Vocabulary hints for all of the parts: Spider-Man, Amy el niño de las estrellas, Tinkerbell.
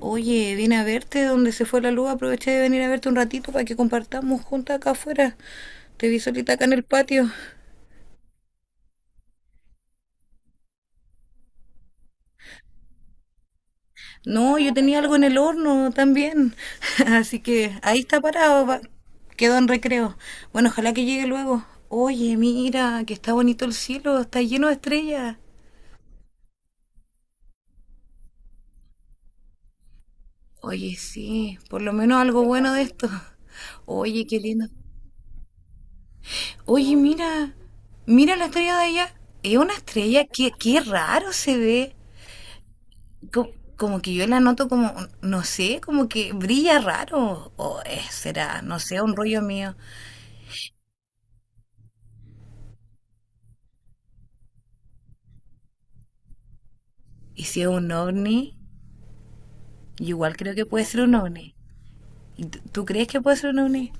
Oye, vine a verte donde se fue la luz. Aproveché de venir a verte un ratito para que compartamos juntas acá afuera. Te vi solita acá en el patio. No, yo tenía algo en el horno también. Así que ahí está parado. Quedó en recreo. Bueno, ojalá que llegue luego. Oye, mira, que está bonito el cielo. Está lleno de estrellas. Oye, sí, por lo menos algo bueno de esto. Oye, qué lindo. Oye, mira, mira la estrella de allá. Es una estrella, qué raro se ve. Como que yo la noto como, no sé, como que brilla raro. O será, no sé, un rollo mío. Y si es un ovni, yo igual creo que puede ser un ovni. ¿Tú crees que puede ser un ovni?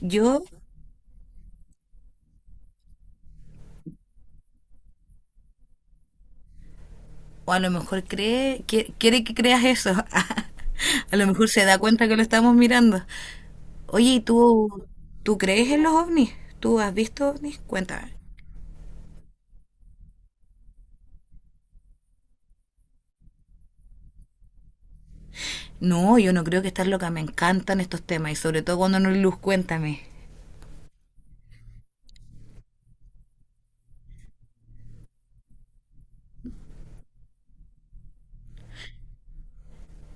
Yo, o a lo mejor cree, quiere que creas eso. A lo mejor se da cuenta que lo estamos mirando. Oye, ¿y tú crees en los ovnis? ¿Tú has visto ovnis? Cuéntame. No, yo no creo que estás loca. Me encantan estos temas y sobre todo cuando no hay luz, cuéntame.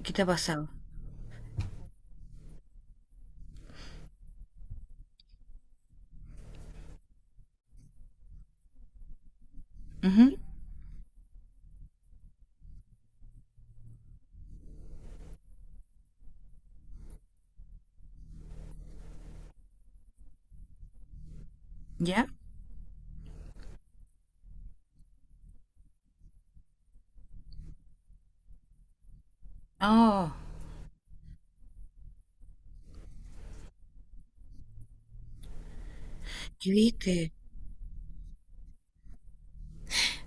¿Qué te ha pasado? Ujú. ¿Ya? Oh, ¿qué viste?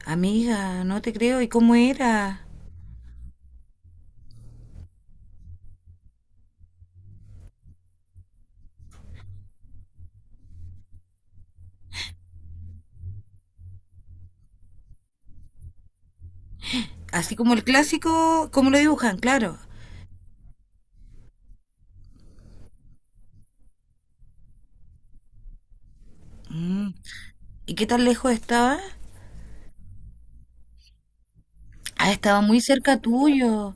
Amiga, no te creo. ¿Y cómo era? Así como el clásico, cómo lo dibujan, claro. Mm. ¿Y qué tan lejos estaba? Ah, estaba muy cerca tuyo.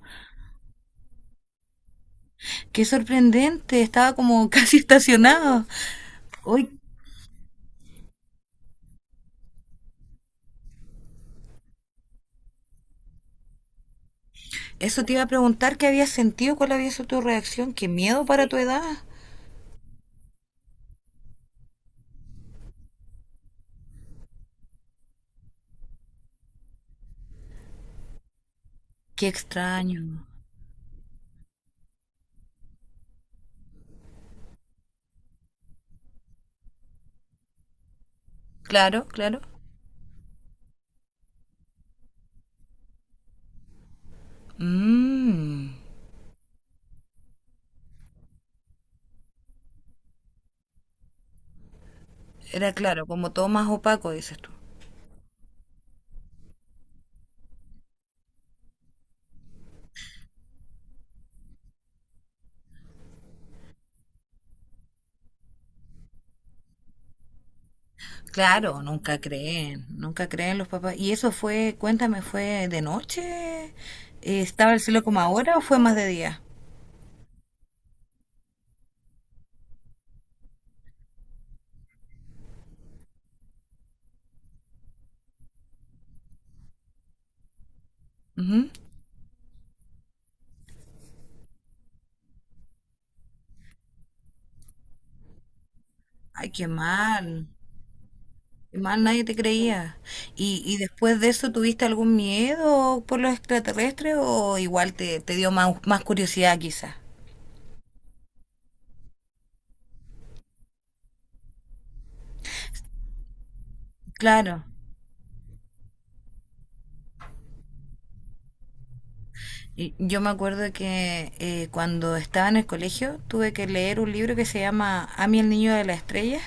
Qué sorprendente. Estaba como casi estacionado. Hoy, eso te iba a preguntar qué habías sentido, cuál había sido tu reacción. Qué miedo para tu edad. Qué extraño. Claro, claro. Mm. Era claro, como todo más opaco, dices tú. Claro, nunca creen, nunca creen los papás. ¿Y eso fue, cuéntame, fue de noche? ¿Estaba el cielo como ahora o fue más de día? Ujú. Ay, qué mal, nadie te creía. ¿Y, después de eso tuviste algún miedo por los extraterrestres o igual te, te dio más, más curiosidad quizás? Claro. Y yo me acuerdo que cuando estaba en el colegio tuve que leer un libro que se llama Amy el niño de las estrellas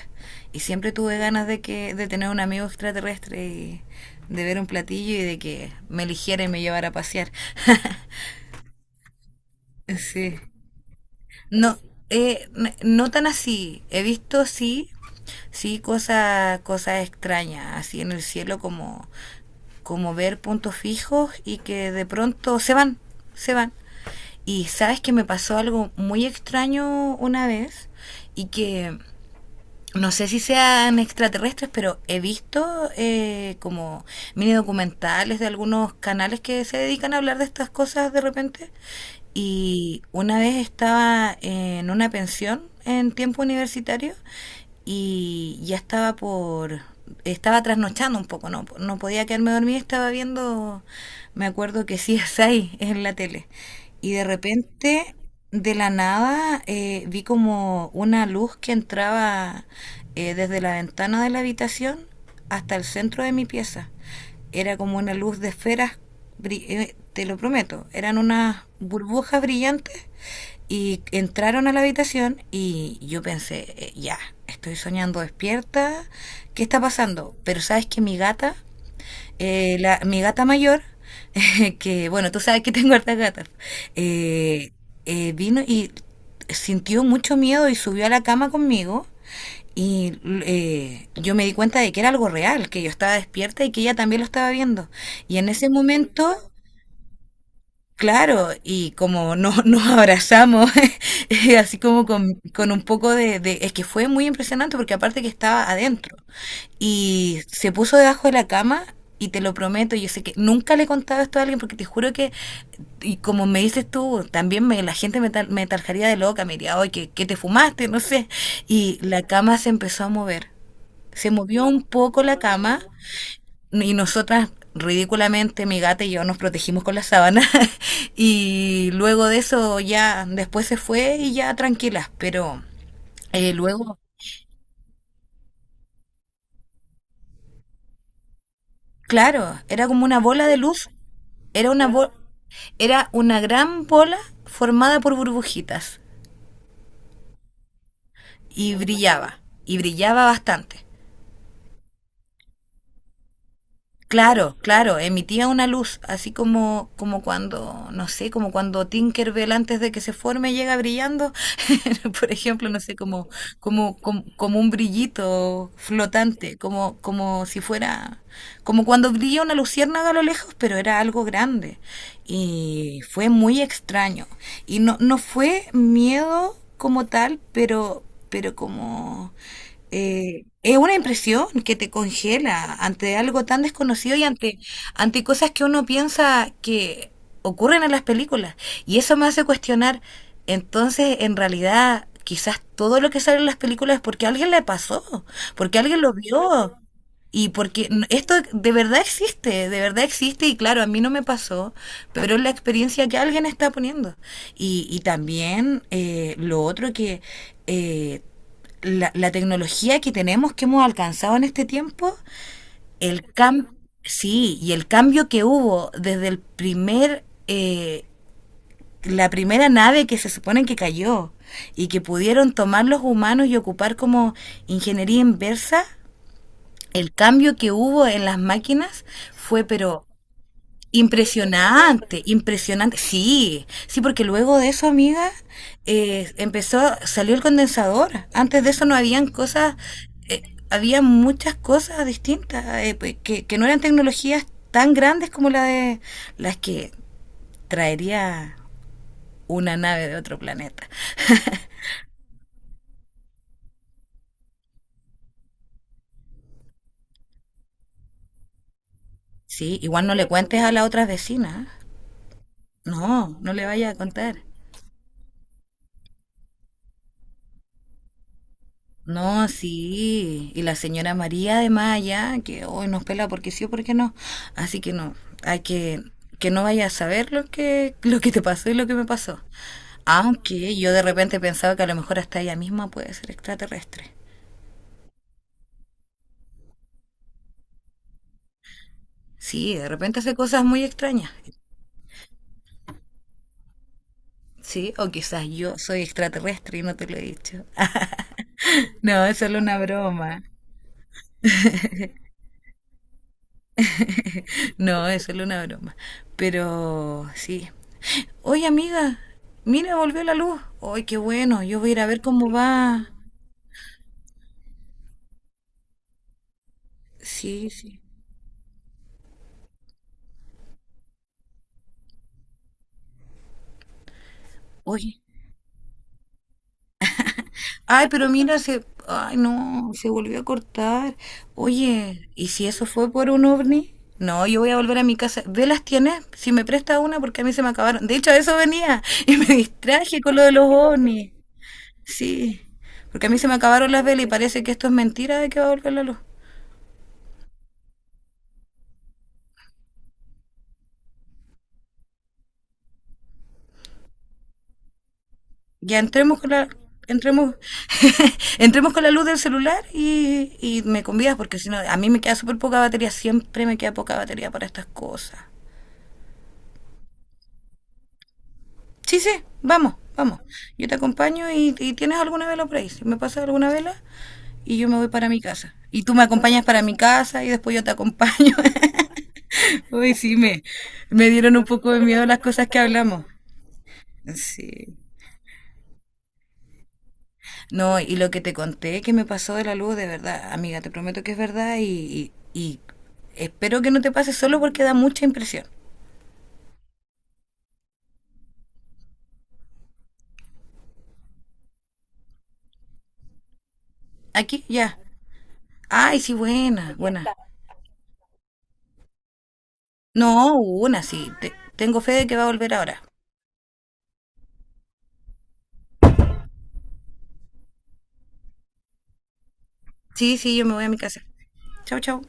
y siempre tuve ganas de que de tener un amigo extraterrestre y de ver un platillo y de que me eligiera y me llevara a pasear. Sí. No, no tan así. He visto sí, sí cosas extrañas así en el cielo como como ver puntos fijos y que de pronto se van, se van. Y sabes que me pasó algo muy extraño una vez y que no sé si sean extraterrestres, pero he visto como mini documentales de algunos canales que se dedican a hablar de estas cosas de repente y una vez estaba en una pensión en tiempo universitario y ya estaba por estaba trasnochando un poco, no, no podía quedarme dormida, estaba viendo, me acuerdo que sí es ahí, es en la tele. Y de repente, de la nada, vi como una luz que entraba desde la ventana de la habitación hasta el centro de mi pieza. Era como una luz de esferas, te lo prometo, eran unas burbujas brillantes y entraron a la habitación y yo pensé, ya, estoy soñando despierta, ¿qué está pasando? Pero sabes que mi gata, mi gata mayor, que bueno, tú sabes que tengo hartas gatas, eh, vino y sintió mucho miedo y subió a la cama conmigo y yo me di cuenta de que era algo real, que yo estaba despierta y que ella también lo estaba viendo. Y en ese momento, claro, y como no, nos abrazamos, así como con un poco de... Es que fue muy impresionante porque aparte que estaba adentro. Y se puso debajo de la cama y te lo prometo, yo sé que nunca le he contado esto a alguien porque te juro que, y como me dices tú, también me, la gente me, me tarjaría de loca, me diría, oye, ¿qué te fumaste? No sé. Y la cama se empezó a mover. Se movió un poco la cama y nosotras ridículamente mi gata y yo nos protegimos con la sábana y luego de eso ya después se fue y ya tranquilas, pero luego, claro, era como una bola de luz, era una bo- era una gran bola formada por burbujitas y brillaba bastante. Claro, claro, emitía una luz, así como, como cuando, no sé, como cuando Tinkerbell antes de que se forme llega brillando, por ejemplo, no sé, como un brillito flotante, como si fuera, como cuando brilla una luciérnaga a lo lejos, pero era algo grande. Y fue muy extraño. Y no, no fue miedo como tal, pero como es una impresión que te congela ante algo tan desconocido y ante, ante cosas que uno piensa que ocurren en las películas. Y eso me hace cuestionar, entonces, en realidad, quizás todo lo que sale en las películas es porque a alguien le pasó, porque alguien lo vio. Y porque esto de verdad existe y claro, a mí no me pasó, pero es la experiencia que alguien está poniendo. Y también lo otro que eh, tecnología que tenemos, que hemos alcanzado en este tiempo, el cam sí, y el cambio que hubo desde el primer... La primera nave que se supone que cayó y que pudieron tomar los humanos y ocupar como ingeniería inversa, el cambio que hubo en las máquinas fue, pero impresionante, impresionante. Sí, sí, porque luego de eso, amiga, empezó, salió el condensador. Antes de eso no habían cosas, eh, había muchas cosas distintas pues, que no eran tecnologías tan grandes como la de las que traería una nave de otro planeta. Sí, igual no le cuentes a la otra vecina. ¿Eh? No, no le vaya a contar. No, sí. Y la señora María de Maya que hoy nos pela porque sí o porque no. Así que no, hay que no vaya a saber lo que te pasó y lo que me pasó. Aunque yo de repente pensaba que a lo mejor hasta ella misma puede ser extraterrestre. Sí, de repente hace cosas muy extrañas. Sí, o quizás yo soy extraterrestre y no te lo he dicho. No, es solo una broma. No, es solo una broma. Pero sí. Oye, amiga, mira, volvió la luz. Ay, qué bueno, yo voy a ir a ver cómo va. Sí, sí. Oye. Ay, pero mira, se... Ay, no, se volvió a cortar. Oye, ¿y si eso fue por un ovni? No, yo voy a volver a mi casa. ¿Velas tienes? Si me presta una, porque a mí se me acabaron. De hecho, a eso venía y me distraje con lo de los ovnis. Sí, porque a mí se me acabaron las velas y parece que esto es mentira de que va a volver la luz. Ya entremos con la, entremos, entremos con la luz del celular y me convidas porque si no, a mí me queda súper poca batería, siempre me queda poca batería para estas cosas. Sí, sí, vamos, vamos. Yo te acompaño y tienes alguna vela por ahí. Si me pasas alguna vela y yo me voy para mi casa. Y tú me acompañas para mi casa y después yo te acompaño. Uy, sí, me dieron un poco de miedo las cosas que hablamos. Sí. No, y lo que te conté que me pasó de la luz, de verdad, amiga, te prometo que es verdad y, y espero que no te pase solo porque da mucha impresión. Aquí, ya. Ay, sí, buena, buena. No, una, sí. Tengo fe de que va a volver ahora. Sí, sí, yo me voy a mi casa. Chau, chau.